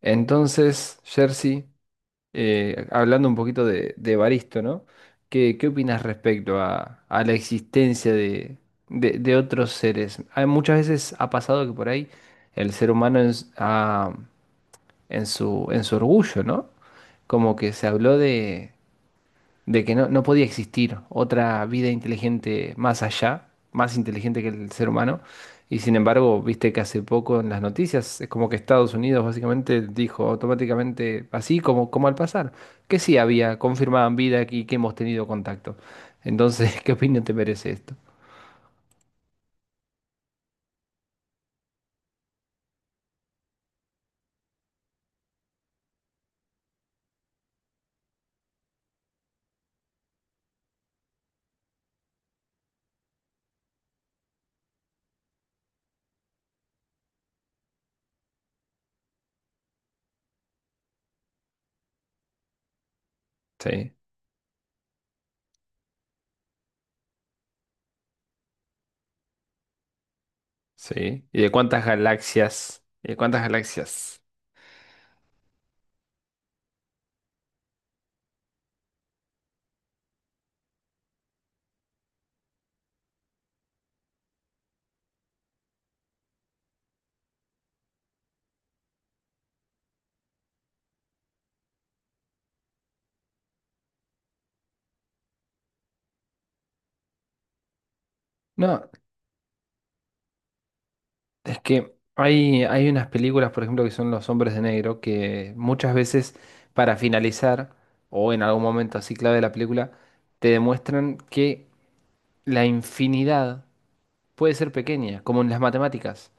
Entonces, Jersey, hablando un poquito de Evaristo, ¿no? ¿¿Qué opinas respecto a la existencia de, de otros seres? Hay, muchas veces ha pasado que por ahí el ser humano en su orgullo, ¿no? Como que se habló de que no, no podía existir otra vida inteligente más allá, más inteligente que el ser humano. Y sin embargo, viste que hace poco en las noticias es como que Estados Unidos básicamente dijo automáticamente, así como, como al pasar, que sí había, confirmaban vida y que hemos tenido contacto. Entonces, ¿qué opinión te merece esto? Sí, sí. ¿Y de cuántas galaxias? ¿Y de cuántas galaxias? No, es que hay unas películas, por ejemplo, que son Los Hombres de Negro, que muchas veces para finalizar, o en algún momento así clave de la película, te demuestran que la infinidad puede ser pequeña, como en las matemáticas.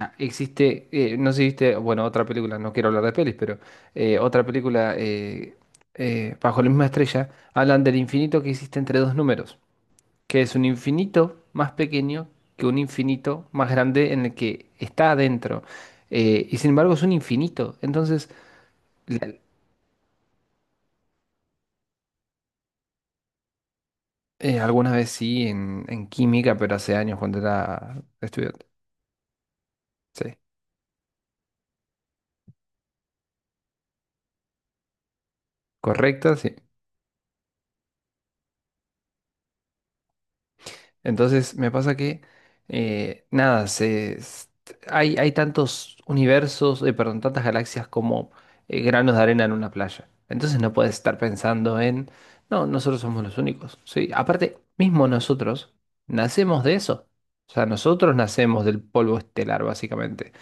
Ah, existe, no sé si viste, bueno, otra película, no quiero hablar de pelis, pero otra película, Bajo la misma estrella, hablan del infinito que existe entre dos números que es un infinito más pequeño que un infinito más grande en el que está adentro. Y sin embargo es un infinito. Entonces, la- alguna vez sí en química, pero hace años cuando era estudiante. Sí. ¿Correcta? Sí. Entonces me pasa que, nada, hay, hay tantos universos, perdón, tantas galaxias como granos de arena en una playa. Entonces no puedes estar pensando en, no, nosotros somos los únicos, ¿sí? Aparte, mismo nosotros nacemos de eso. O sea, nosotros nacemos del polvo estelar, básicamente.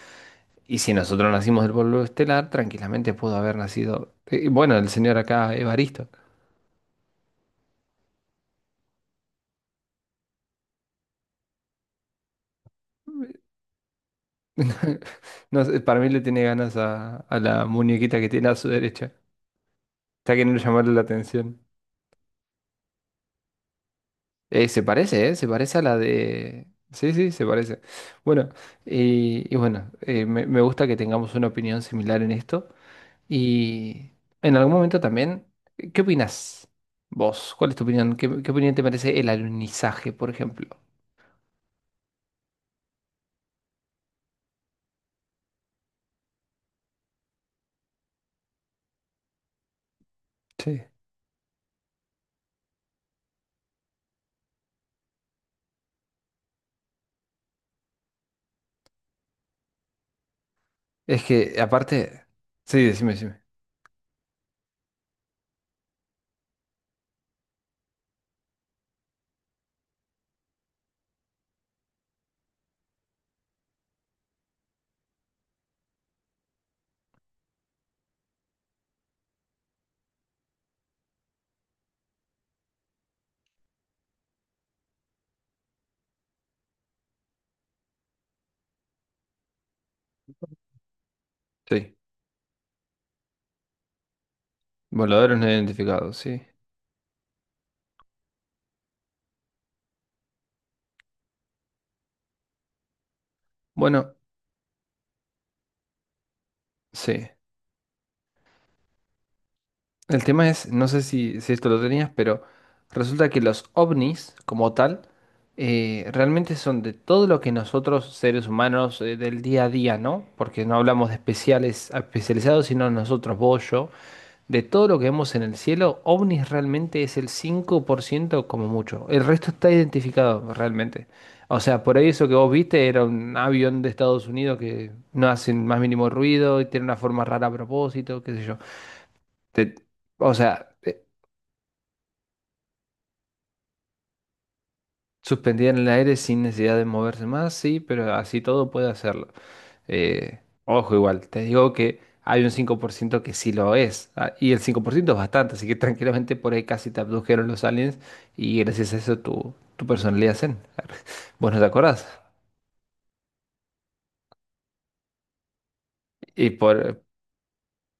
Y si nosotros nacimos del polvo estelar, tranquilamente pudo haber nacido, bueno, el señor acá, Evaristo. No sé, para mí le tiene ganas a la muñequita que tiene a su derecha. Está queriendo llamarle la atención. Se parece, ¿eh? Se parece a la de... Sí, sí, se parece. Bueno, y bueno, me, me gusta que tengamos una opinión similar en esto. Y en algún momento también, ¿qué opinas vos? ¿Cuál es tu opinión? ¿¿Qué opinión te merece el alunizaje, por ejemplo? Sí. Es que aparte... Sí, decime, decime. Sí. Voladores no identificados, sí. Bueno, sí. El tema es, no sé si, si esto lo tenías, pero resulta que los ovnis, como tal, realmente son de todo lo que nosotros, seres humanos, del día a día, ¿no? Porque no hablamos de especiales, especializados, sino nosotros, vos, yo. De todo lo que vemos en el cielo, ovnis realmente es el 5% como mucho. El resto está identificado realmente. O sea, por ahí eso que vos viste era un avión de Estados Unidos que no hace el más mínimo ruido y tiene una forma rara a propósito, qué sé yo. Te- o sea, suspendida en el aire sin necesidad de moverse más, sí, pero así todo puede hacerlo. Eh, ojo, igual, te digo que hay un 5% que sí lo es, ah, y el 5% es bastante, así que tranquilamente por ahí casi te abdujeron los aliens y gracias a eso tu, tu personalidad zen. Vos no te acordás. Y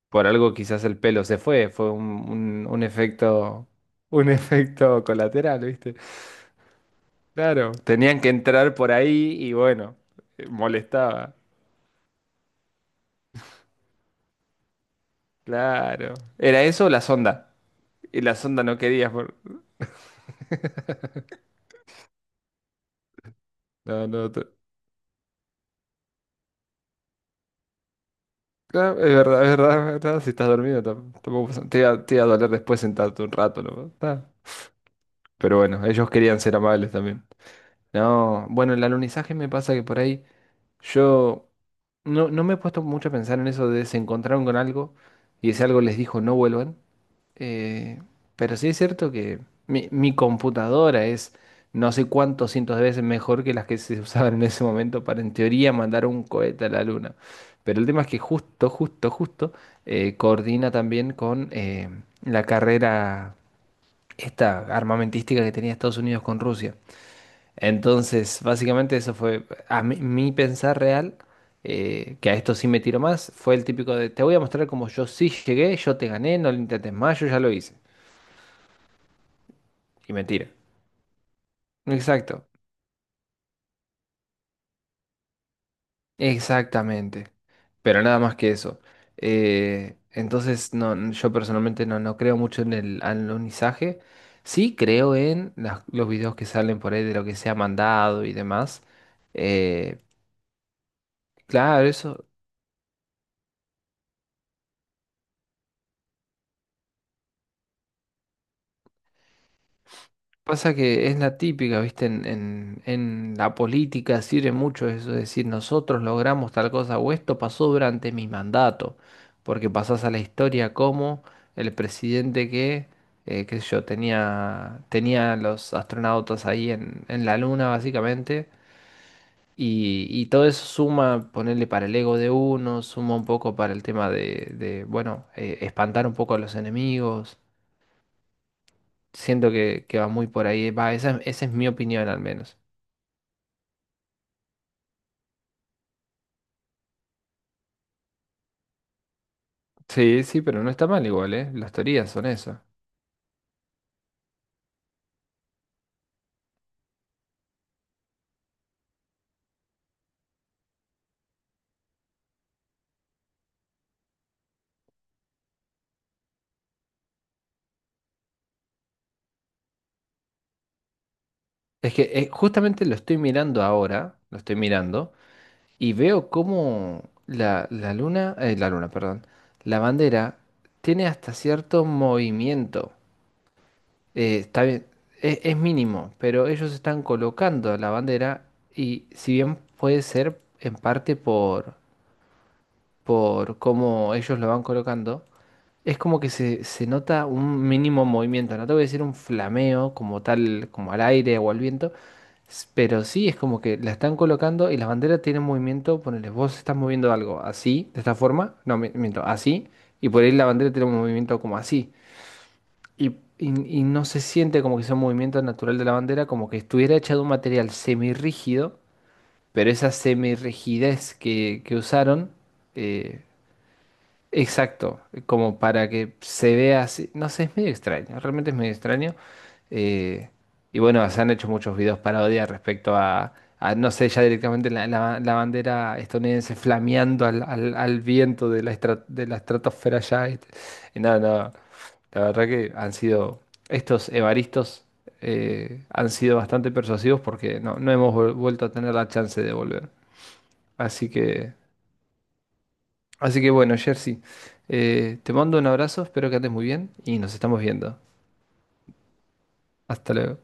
por algo quizás el pelo se fue, fue un, un efecto, un efecto colateral, ¿viste? Claro, tenían que entrar por ahí y bueno, molestaba. Claro. ¿Era eso o la sonda? Y la sonda no querías por... No, no, claro, es verdad, es verdad, es verdad. Si estás dormido tampoco pasa- te iba a doler después sentarte un rato, ¿no? Está. Pero bueno, ellos querían ser amables también. No, bueno, el alunizaje me pasa que por ahí yo no, no me he puesto mucho a pensar en eso de se encontraron con algo y ese algo les dijo no vuelvan. Eh, pero sí es cierto que mi computadora es no sé cuántos cientos de veces mejor que las que se usaban en ese momento para en teoría mandar un cohete a la luna. Pero el tema es que justo coordina también con la carrera esta armamentística que tenía Estados Unidos con Rusia. Entonces, básicamente eso fue a mi, mi pensar real, que a esto sí me tiro más, fue el típico de te voy a mostrar cómo yo sí llegué, yo te gané, no lo intentes más, yo ya lo hice. Y mentira. Exacto, exactamente. Pero nada más que eso. Entonces, no, yo personalmente no, no creo mucho en el anonizaje. Sí creo en las- los videos que salen por ahí de lo que se ha mandado y demás. Eh, claro, eso. Pasa que es la típica, ¿viste? En la política sirve mucho eso, es decir, nosotros logramos tal cosa o esto pasó durante mi mandato, porque pasás a la historia como el presidente que, qué sé yo, tenía, tenía los astronautas ahí en la luna, básicamente, y todo eso suma, ponerle para el ego de uno, suma un poco para el tema de, bueno, espantar un poco a los enemigos. Siento que va muy por ahí, va, esa es mi opinión al menos. Sí, sí, pero no está mal igual, ¿eh? Las teorías son eso. Es que justamente lo estoy mirando ahora, lo estoy mirando, y veo cómo la, la luna, perdón, la bandera tiene hasta cierto movimiento. Está bien, es mínimo, pero ellos están colocando la bandera y si bien puede ser en parte por cómo ellos lo van colocando, es como que se nota un mínimo movimiento. No te voy a decir un flameo como tal, como al aire o al viento, pero sí es como que la están colocando y las banderas tienen movimiento. Ponele, vos estás moviendo algo así, de esta forma, no, miento, así, y por ahí la bandera tiene un movimiento como así. Y, y no se siente como que sea un movimiento natural de la bandera, como que estuviera hecha de un material semirrígido, pero esa semirrigidez que usaron. eh, Exacto, como para que se vea así. No sé, es medio extraño, realmente es medio extraño. Eh, y bueno, se han hecho muchos videos parodias respecto a, no sé, ya directamente la, la bandera estadounidense flameando al, al viento de la, de la estratosfera ya. Este. Y no, no, la verdad que han sido, estos evaristos han sido bastante persuasivos porque no, no hemos vuelto a tener la chance de volver. Así que... Así que bueno, Jersey, te mando un abrazo, espero que andes muy bien y nos estamos viendo. Hasta luego.